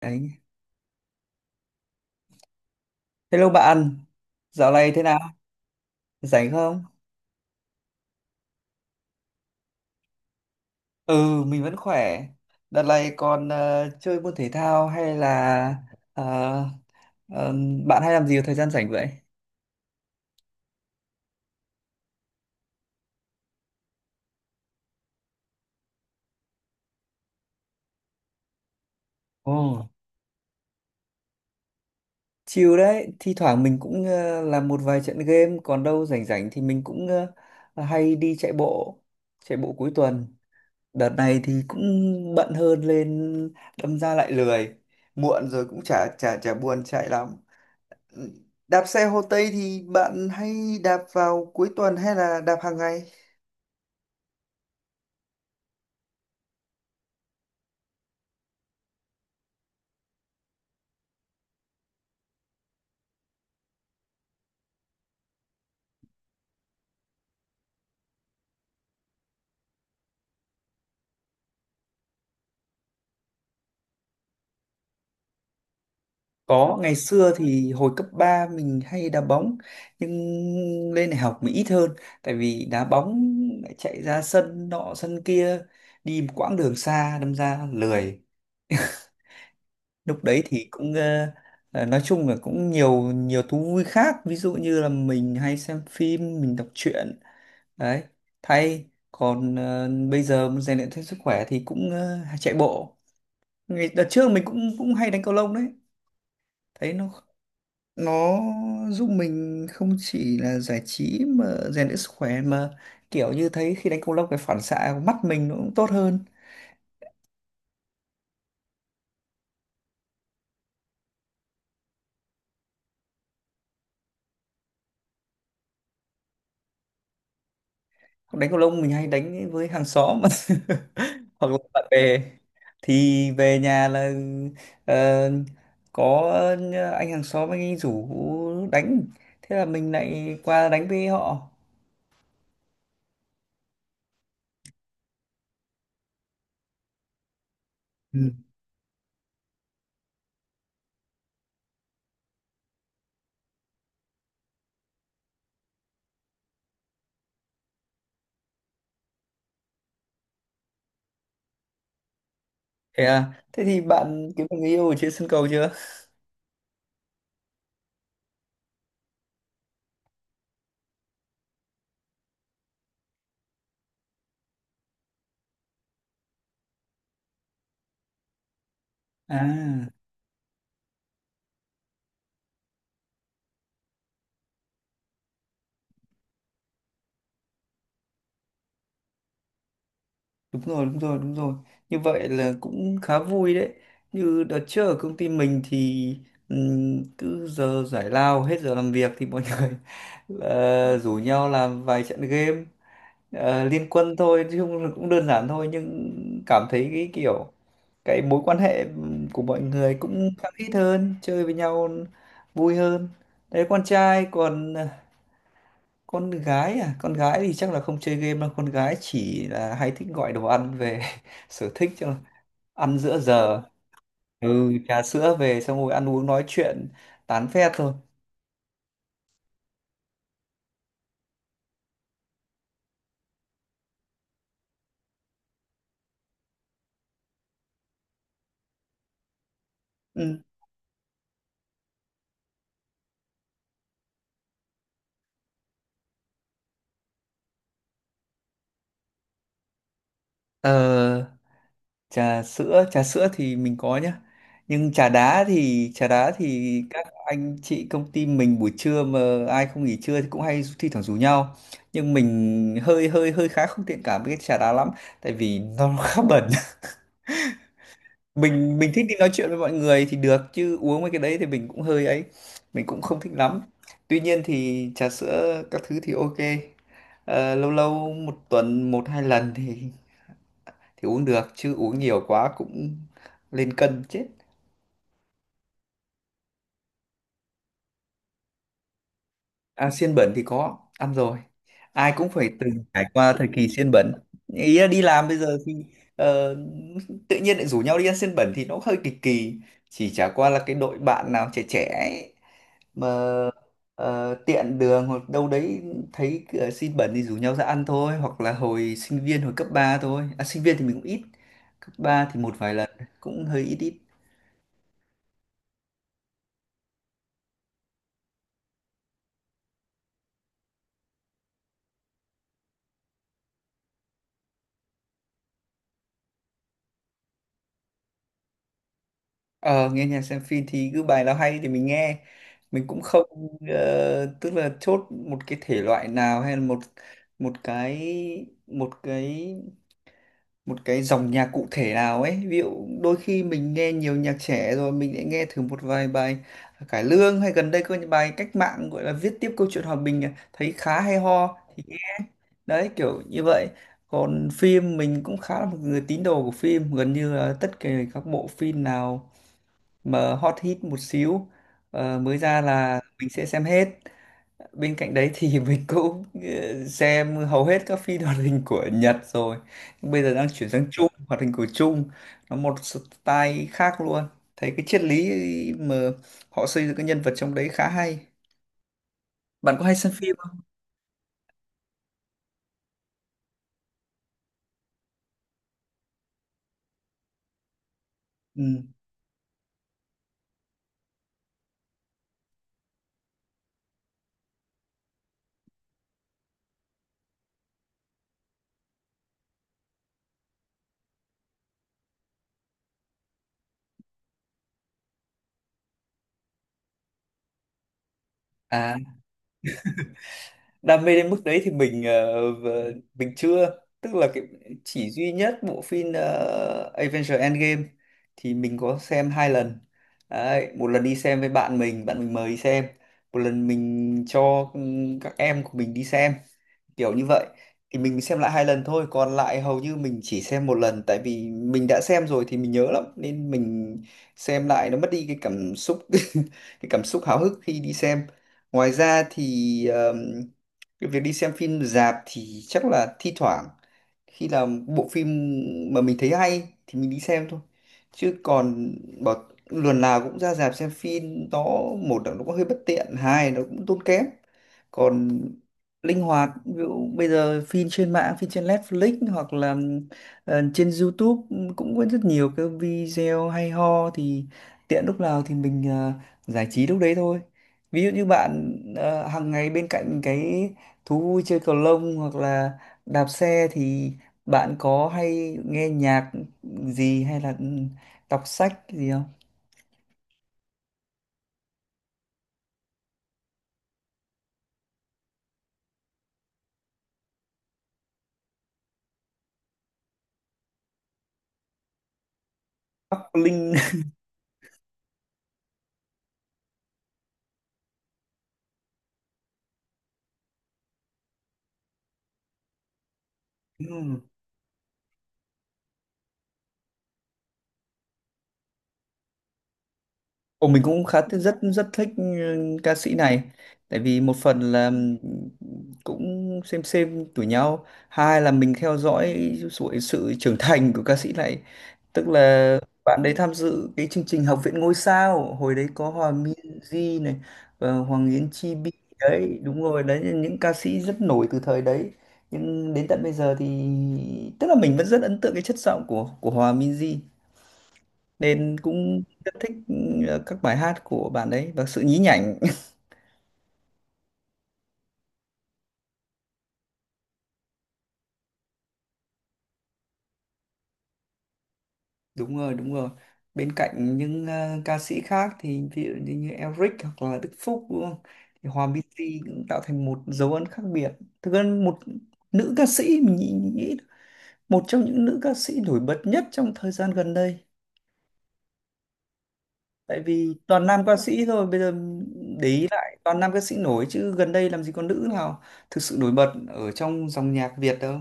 Đấy. Hello bạn, dạo này thế nào? Rảnh không? Ừ, mình vẫn khỏe. Đợt này còn chơi môn thể thao hay là ờ, ờ, bạn hay làm gì vào thời gian rảnh vậy? Ồ, chill đấy. Thi thoảng mình cũng làm một vài trận game, còn đâu rảnh rảnh thì mình cũng hay đi chạy bộ cuối tuần. Đợt này thì cũng bận hơn lên, đâm ra lại lười. Muộn rồi cũng chả chả chả buồn chạy lắm. Đạp xe Hồ Tây thì bạn hay đạp vào cuối tuần hay là đạp hàng ngày? Có, ngày xưa thì hồi cấp 3 mình hay đá bóng nhưng lên đại học mình ít hơn tại vì đá bóng lại chạy ra sân nọ sân kia đi một quãng đường xa đâm ra lười. Lúc đấy thì cũng nói chung là cũng nhiều nhiều thú vui khác, ví dụ như là mình hay xem phim, mình đọc truyện đấy thay. Còn bây giờ muốn rèn luyện thêm sức khỏe thì cũng chạy bộ. Ngày đợt trước mình cũng cũng hay đánh cầu lông đấy, thấy nó giúp mình không chỉ là giải trí mà rèn luyện sức khỏe, mà kiểu như thấy khi đánh cầu lông cái phản xạ của mắt mình nó cũng tốt hơn. Đánh cầu lông mình hay đánh với hàng xóm hoặc là bạn bè, thì về nhà là ờ, có anh hàng xóm, anh ấy rủ đánh, thế là mình lại qua đánh với họ. Ừ. Thế à, thế thì bạn kiếm được người yêu ở trên sân cầu chưa? À, đúng rồi, đúng rồi, đúng rồi, như vậy là cũng khá vui đấy. Như đợt trước ở công ty mình thì cứ giờ giải lao hết giờ làm việc thì mọi người là rủ nhau làm vài trận game, liên quân thôi chứ không, cũng đơn giản thôi, nhưng cảm thấy cái kiểu cái mối quan hệ của mọi người cũng khăng khít hơn, chơi với nhau vui hơn đấy. Con trai còn con gái à, con gái thì chắc là không chơi game đâu, con gái chỉ là hay thích gọi đồ ăn về sở thích cho ăn giữa giờ. Ừ, trà sữa về xong rồi ăn uống nói chuyện tán phét thôi. Ừ. Ờ, trà sữa thì mình có nhá, nhưng trà đá thì, trà đá thì các anh chị công ty mình buổi trưa mà ai không nghỉ trưa thì cũng hay thi thoảng rủ nhau, nhưng mình hơi hơi hơi khá không thiện cảm với cái trà đá lắm tại vì nó khá bẩn. Mình thích đi nói chuyện với mọi người thì được chứ uống mấy cái đấy thì mình cũng hơi ấy, mình cũng không thích lắm. Tuy nhiên thì trà sữa các thứ thì ok. Ờ, lâu lâu một tuần một hai lần thì uống được chứ uống nhiều quá cũng lên cân chết. À, xiên bẩn thì có ăn rồi, ai cũng phải từng trải qua thời kỳ xiên bẩn. Ý là đi làm bây giờ thì ờ, tự nhiên lại rủ nhau đi ăn xiên bẩn thì nó hơi kỳ kỳ, chỉ chả qua là cái đội bạn nào trẻ trẻ ấy, mà tiện đường hoặc đâu đấy thấy xiên bẩn thì rủ nhau ra ăn thôi. Hoặc là hồi sinh viên, hồi cấp 3 thôi à, sinh viên thì mình cũng ít, cấp 3 thì một vài lần, cũng hơi ít ít. Ờ, nghe nhạc xem phim thì cứ bài nào hay thì mình nghe. Mình cũng không tức là chốt một cái thể loại nào hay là một một cái một cái một cái dòng nhạc cụ thể nào ấy. Ví dụ đôi khi mình nghe nhiều nhạc trẻ rồi mình lại nghe thử một vài bài cải lương, hay gần đây có những bài cách mạng gọi là viết tiếp câu chuyện hòa bình à, thấy khá hay ho thì đấy, kiểu như vậy. Còn phim mình cũng khá là một người tín đồ của phim, gần như là tất cả các bộ phim nào mà hot hit một xíu mới ra là mình sẽ xem hết. Bên cạnh đấy thì mình cũng xem hầu hết các phim hoạt hình của Nhật rồi. Nhưng bây giờ đang chuyển sang Trung, hoạt hình của Trung, nó một style khác luôn, thấy cái triết lý mà họ xây dựng cái nhân vật trong đấy khá hay. Bạn có hay xem phim không? Ừ. À, đam mê đến mức đấy thì mình mình chưa, tức là cái chỉ duy nhất bộ phim Avengers Endgame thì mình có xem hai lần đấy, một lần đi xem với bạn mình, bạn mình mời đi xem, một lần mình cho các em của mình đi xem, kiểu như vậy. Thì mình xem lại hai lần thôi, còn lại hầu như mình chỉ xem một lần, tại vì mình đã xem rồi thì mình nhớ lắm nên mình xem lại nó mất đi cái cảm xúc, cái cảm xúc háo hức khi đi xem. Ngoài ra thì cái việc đi xem phim rạp thì chắc là thi thoảng khi nào bộ phim mà mình thấy hay thì mình đi xem thôi, chứ còn bảo lần nào cũng ra rạp xem phim nó, một là nó cũng hơi bất tiện, hai là nó cũng tốn kém. Còn linh hoạt ví dụ bây giờ phim trên mạng, phim trên Netflix hoặc là trên YouTube cũng có rất nhiều cái video hay ho thì tiện lúc nào thì mình giải trí lúc đấy thôi. Ví dụ như bạn hàng ngày bên cạnh cái thú vui chơi cầu lông hoặc là đạp xe thì bạn có hay nghe nhạc gì hay là đọc sách gì không? Bắc Linh. Ồ, mình cũng khá thích, rất rất thích ca sĩ này. Tại vì một phần là ừ, cũng xem tuổi nhau, hai là mình theo dõi sự, sự trưởng thành của ca sĩ này, tức là bạn đấy tham dự cái chương trình Học viện ngôi sao hồi đấy có Hòa Minzy này và Hoàng Yến Chi Bi. Đấy, đúng rồi đấy, những ca sĩ rất nổi từ thời đấy, nhưng đến tận bây giờ thì tức là mình vẫn rất ấn tượng cái chất giọng của Hòa Minzy nên cũng rất thích các bài hát của bạn ấy và sự nhí nhảnh. Đúng rồi, đúng rồi, bên cạnh những ca sĩ khác thì ví dụ như, như Elric hoặc là Đức Phúc đúng không, thì Hòa Minzy cũng tạo thành một dấu ấn khác biệt. Thực ra một nữ ca sĩ mình nghĩ một trong những nữ ca sĩ nổi bật nhất trong thời gian gần đây, tại vì toàn nam ca sĩ thôi bây giờ, để ý lại toàn nam ca sĩ nổi chứ gần đây làm gì có nữ nào thực sự nổi bật ở trong dòng nhạc Việt đâu.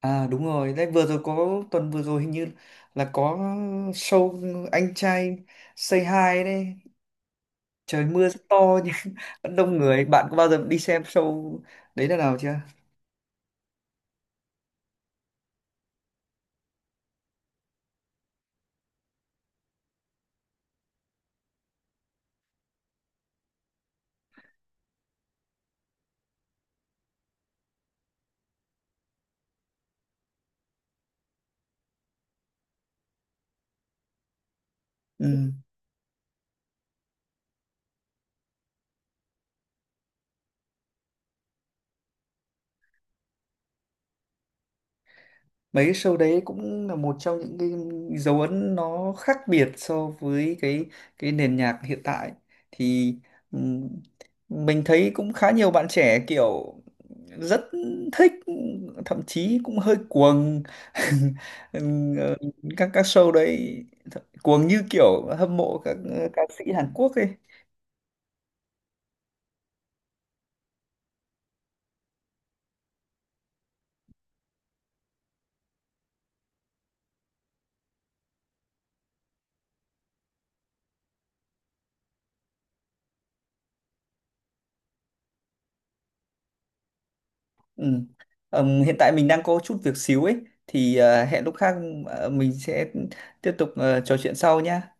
À đúng rồi, đấy vừa rồi có, tuần vừa rồi hình như là có show anh trai Say Hi đấy, trời mưa rất to nhưng vẫn đông người. Bạn có bao giờ đi xem show đấy lần nào chưa? Ừ. Mấy show đấy cũng là một trong những cái dấu ấn nó khác biệt so với cái nền nhạc hiện tại thì ừm, mình thấy cũng khá nhiều bạn trẻ kiểu rất thích, thậm chí cũng hơi cuồng. Ừm, ờ, các show đấy cuồng như kiểu hâm mộ các ca sĩ Hàn Quốc ấy. Ừm. Hiện tại mình đang có chút việc xíu ấy thì hẹn lúc khác, mình sẽ tiếp tục trò chuyện sau nhá.